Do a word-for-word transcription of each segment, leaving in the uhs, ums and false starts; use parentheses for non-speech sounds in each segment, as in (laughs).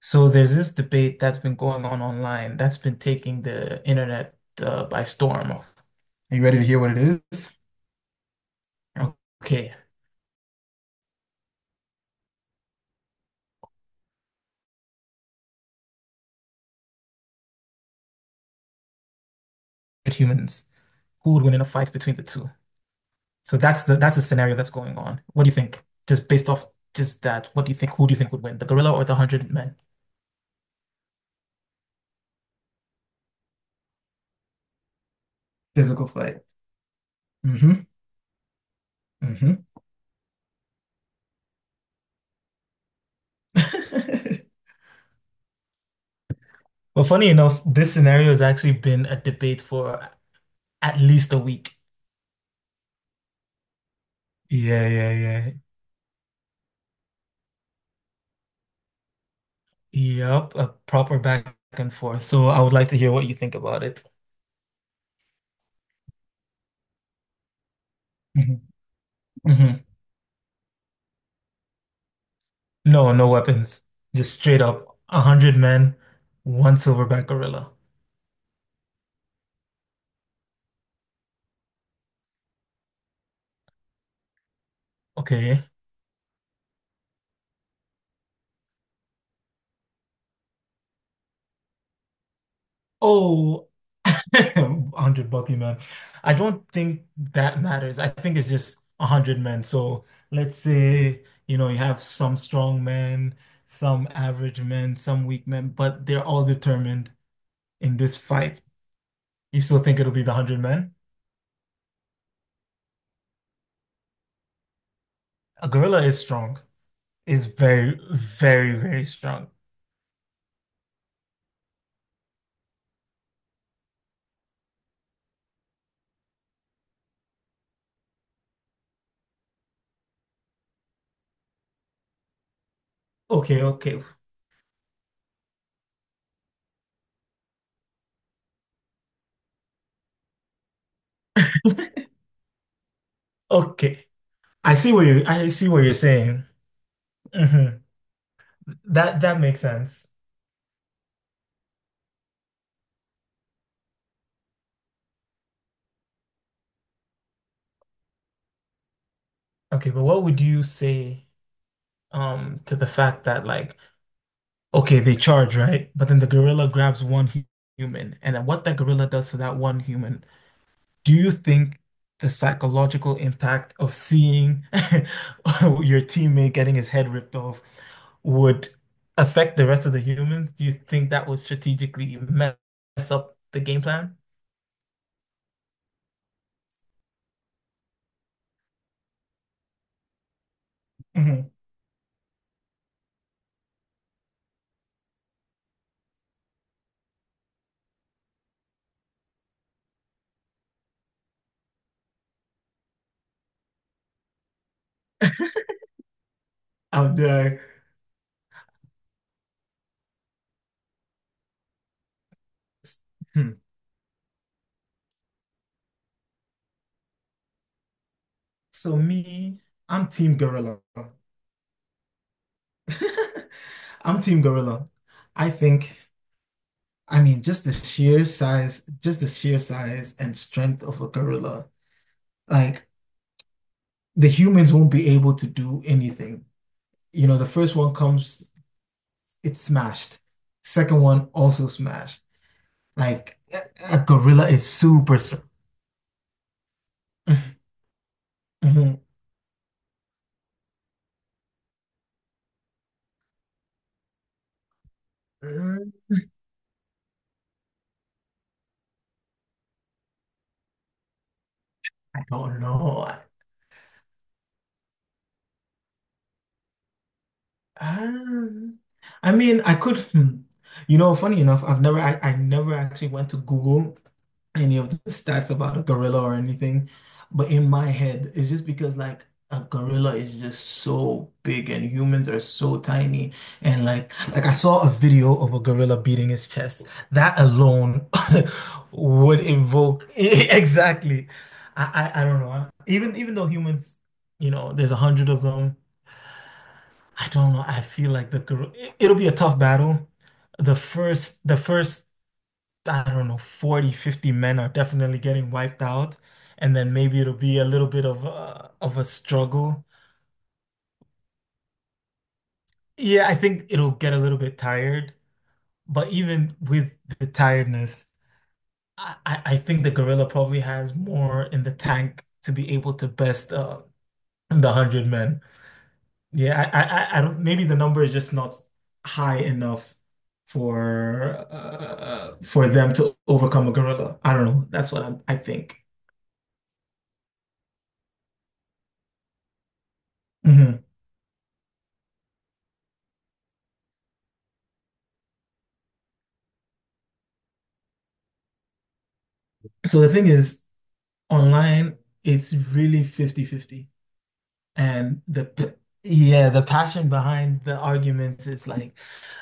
So there's this debate that's been going on online that's been taking the internet uh, by storm. Are you ready to hear what it is? Okay, with humans, who would win in a fight between the two? So that's the that's the scenario that's going on. What do you think? Just based off just that, what do you think? Who do you think would win, the gorilla or the hundred men? Physical fight. hmm hmm (laughs) Well, funny enough, this scenario has actually been a debate for at least a week. Yeah, yeah, yeah. Yep, a proper back and forth. So I would like to hear what you think about it. hmm hmm No, no weapons. Just straight up, a hundred men, one silverback gorilla. Okay. Oh, (laughs) a hundred bucky men. I don't think that matters. I think it's just a hundred men. So let's say, you know, you have some strong men, some average men, some weak men, but they're all determined in this fight. You still think it'll be the hundred men? A gorilla is strong. It's very, very, very strong. Okay, okay, (laughs) okay. I see what you I see what you're saying. hmm That that makes sense. Okay, but what would you say um to the fact that like okay, they charge, right? But then the gorilla grabs one hu- human, and then what that gorilla does to that one human, do you think the psychological impact of seeing (laughs) your teammate getting his head ripped off would affect the rest of the humans? Do you think that would strategically mess up the game plan? Mhm. I'm there. Hmm. So me, I'm Team Gorilla. (laughs) I'm Team Gorilla. I think, I mean, just the sheer size, just the sheer size and strength of a gorilla, like the humans won't be able to do anything. You know, the first one comes, it's smashed. Second one also smashed. Like a gorilla is super strong. (laughs) I don't know. Um, I mean, I could, hmm. You know, funny enough, I've never, I, I never actually went to Google any of the stats about a gorilla or anything, but in my head, it's just because like a gorilla is just so big and humans are so tiny, and like, like I saw a video of a gorilla beating his chest. That alone (laughs) would invoke (laughs) exactly. I, I, I don't know. Even even though humans, you know, there's a hundred of them. I don't know. I feel like the Kor- it- it'll be a tough battle. The first, the first, I don't know, forty, fifty men are definitely getting wiped out, and then maybe it'll be a little bit of a, of a struggle. Yeah, I think it'll get a little bit tired, but even with the tiredness, I, I I think the gorilla probably has more in the tank to be able to best uh, the one hundred men. Yeah, I, I, I don't. Maybe the number is just not high enough for uh, for them to overcome a gorilla. I don't know. That's what I'm, I think. hmm So the thing is, online, it's really fifty fifty. And the p- yeah, the passion behind the arguments, it's like,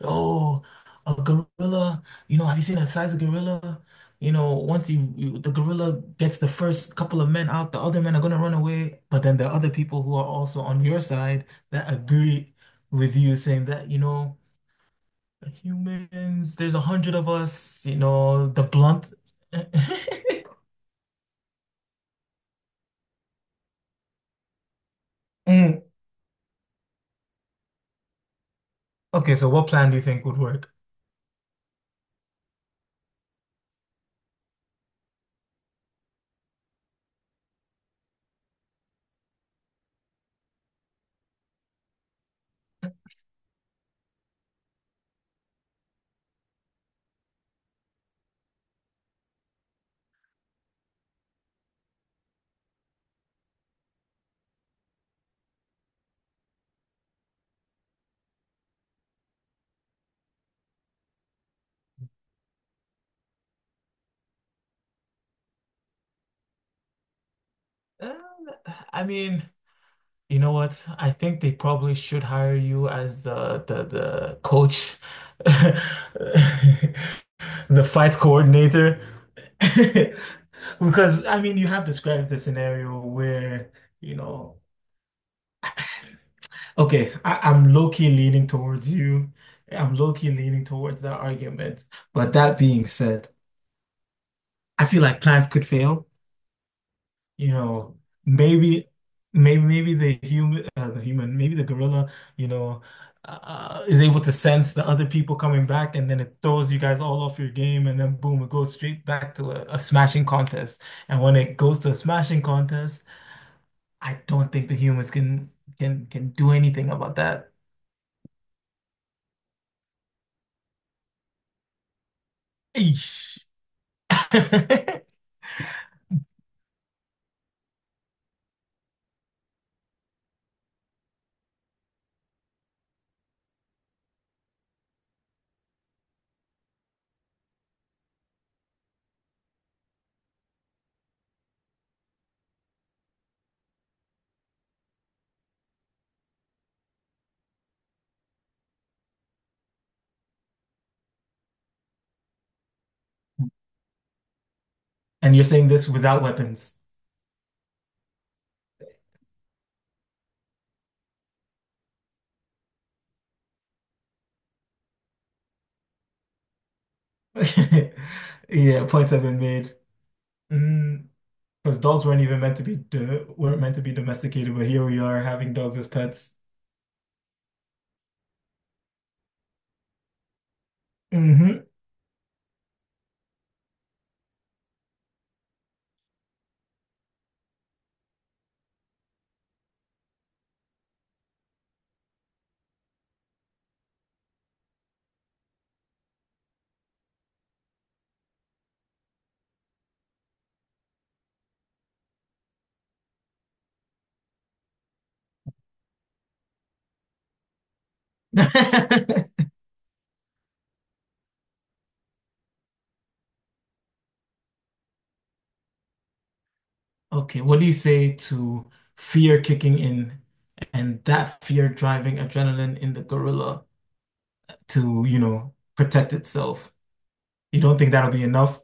oh, a gorilla. You know, have you seen the size of gorilla? You know, once you, you the gorilla gets the first couple of men out, the other men are gonna run away. But then there are other people who are also on your side that agree with you, saying that, you know, humans, there's a hundred of us, you know, the blunt. (laughs) Mm. Okay, so what plan do you think would work? Uh, I mean, you know what? I think they probably should hire you as the the the coach, (laughs) the fight coordinator. (laughs) Because I mean, you have described the scenario where, you know, okay, I, I'm low-key leaning towards you. I'm low-key leaning towards that argument. But that being said, I feel like plans could fail. You know, maybe, maybe, maybe the human, uh, the human, maybe the gorilla, you know, uh, is able to sense the other people coming back, and then it throws you guys all off your game, and then boom, it goes straight back to a, a smashing contest. And when it goes to a smashing contest, I don't think the humans can can can do anything about that. Eesh. (laughs) And you're saying this without weapons. (laughs) Yeah, points have been made. Mm. Because dogs weren't even meant to be do weren't meant to be domesticated, but here we are having dogs as pets. hmm (laughs) Okay, what do you say to fear kicking in and that fear driving adrenaline in the gorilla to, you know, protect itself? You don't think that'll be enough?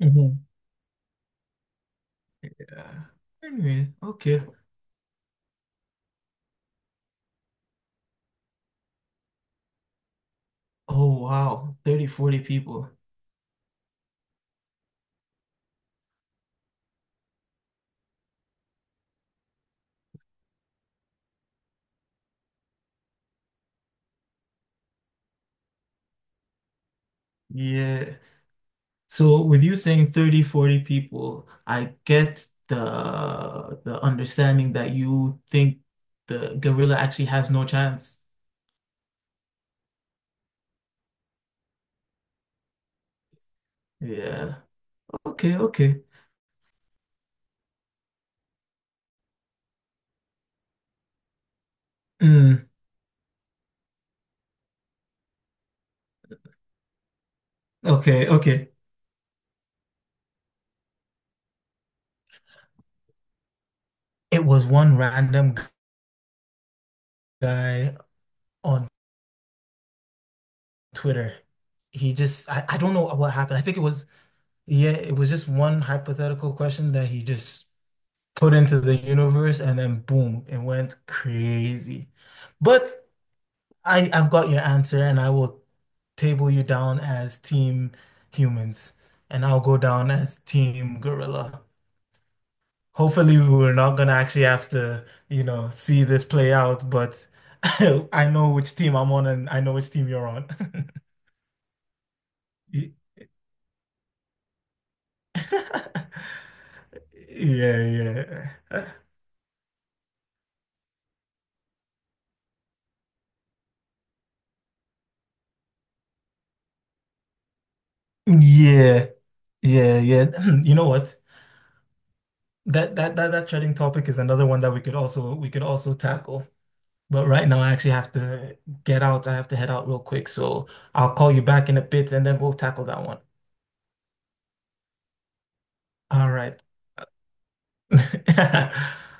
Mhm. Yeah. Anyway, okay. Oh, wow, thirty forty people. Yeah. So with you saying thirty, forty people, I get the the understanding that you think the gorilla actually has no chance. Yeah. Okay, okay. Mm, okay, okay. It was one random g- guy on Twitter. He just, I, I don't know what happened. I think it was yeah, it was just one hypothetical question that he just put into the universe and then boom, it went crazy. But I I've got your answer, and I will table you down as team humans, and I'll go down as team gorilla. Hopefully, we're not gonna actually have to, you know, see this play out, but (laughs) I know which team I'm on, and I know which team you're on. (laughs) Y- (laughs) Yeah, yeah. Yeah, yeah, yeah. (clears throat) You know what? That that that that trending topic is another one that we could also we could also tackle. But right now, I actually have to get out. I have to head out real quick. So I'll call you back in a bit and then we'll tackle that one. All right. (laughs)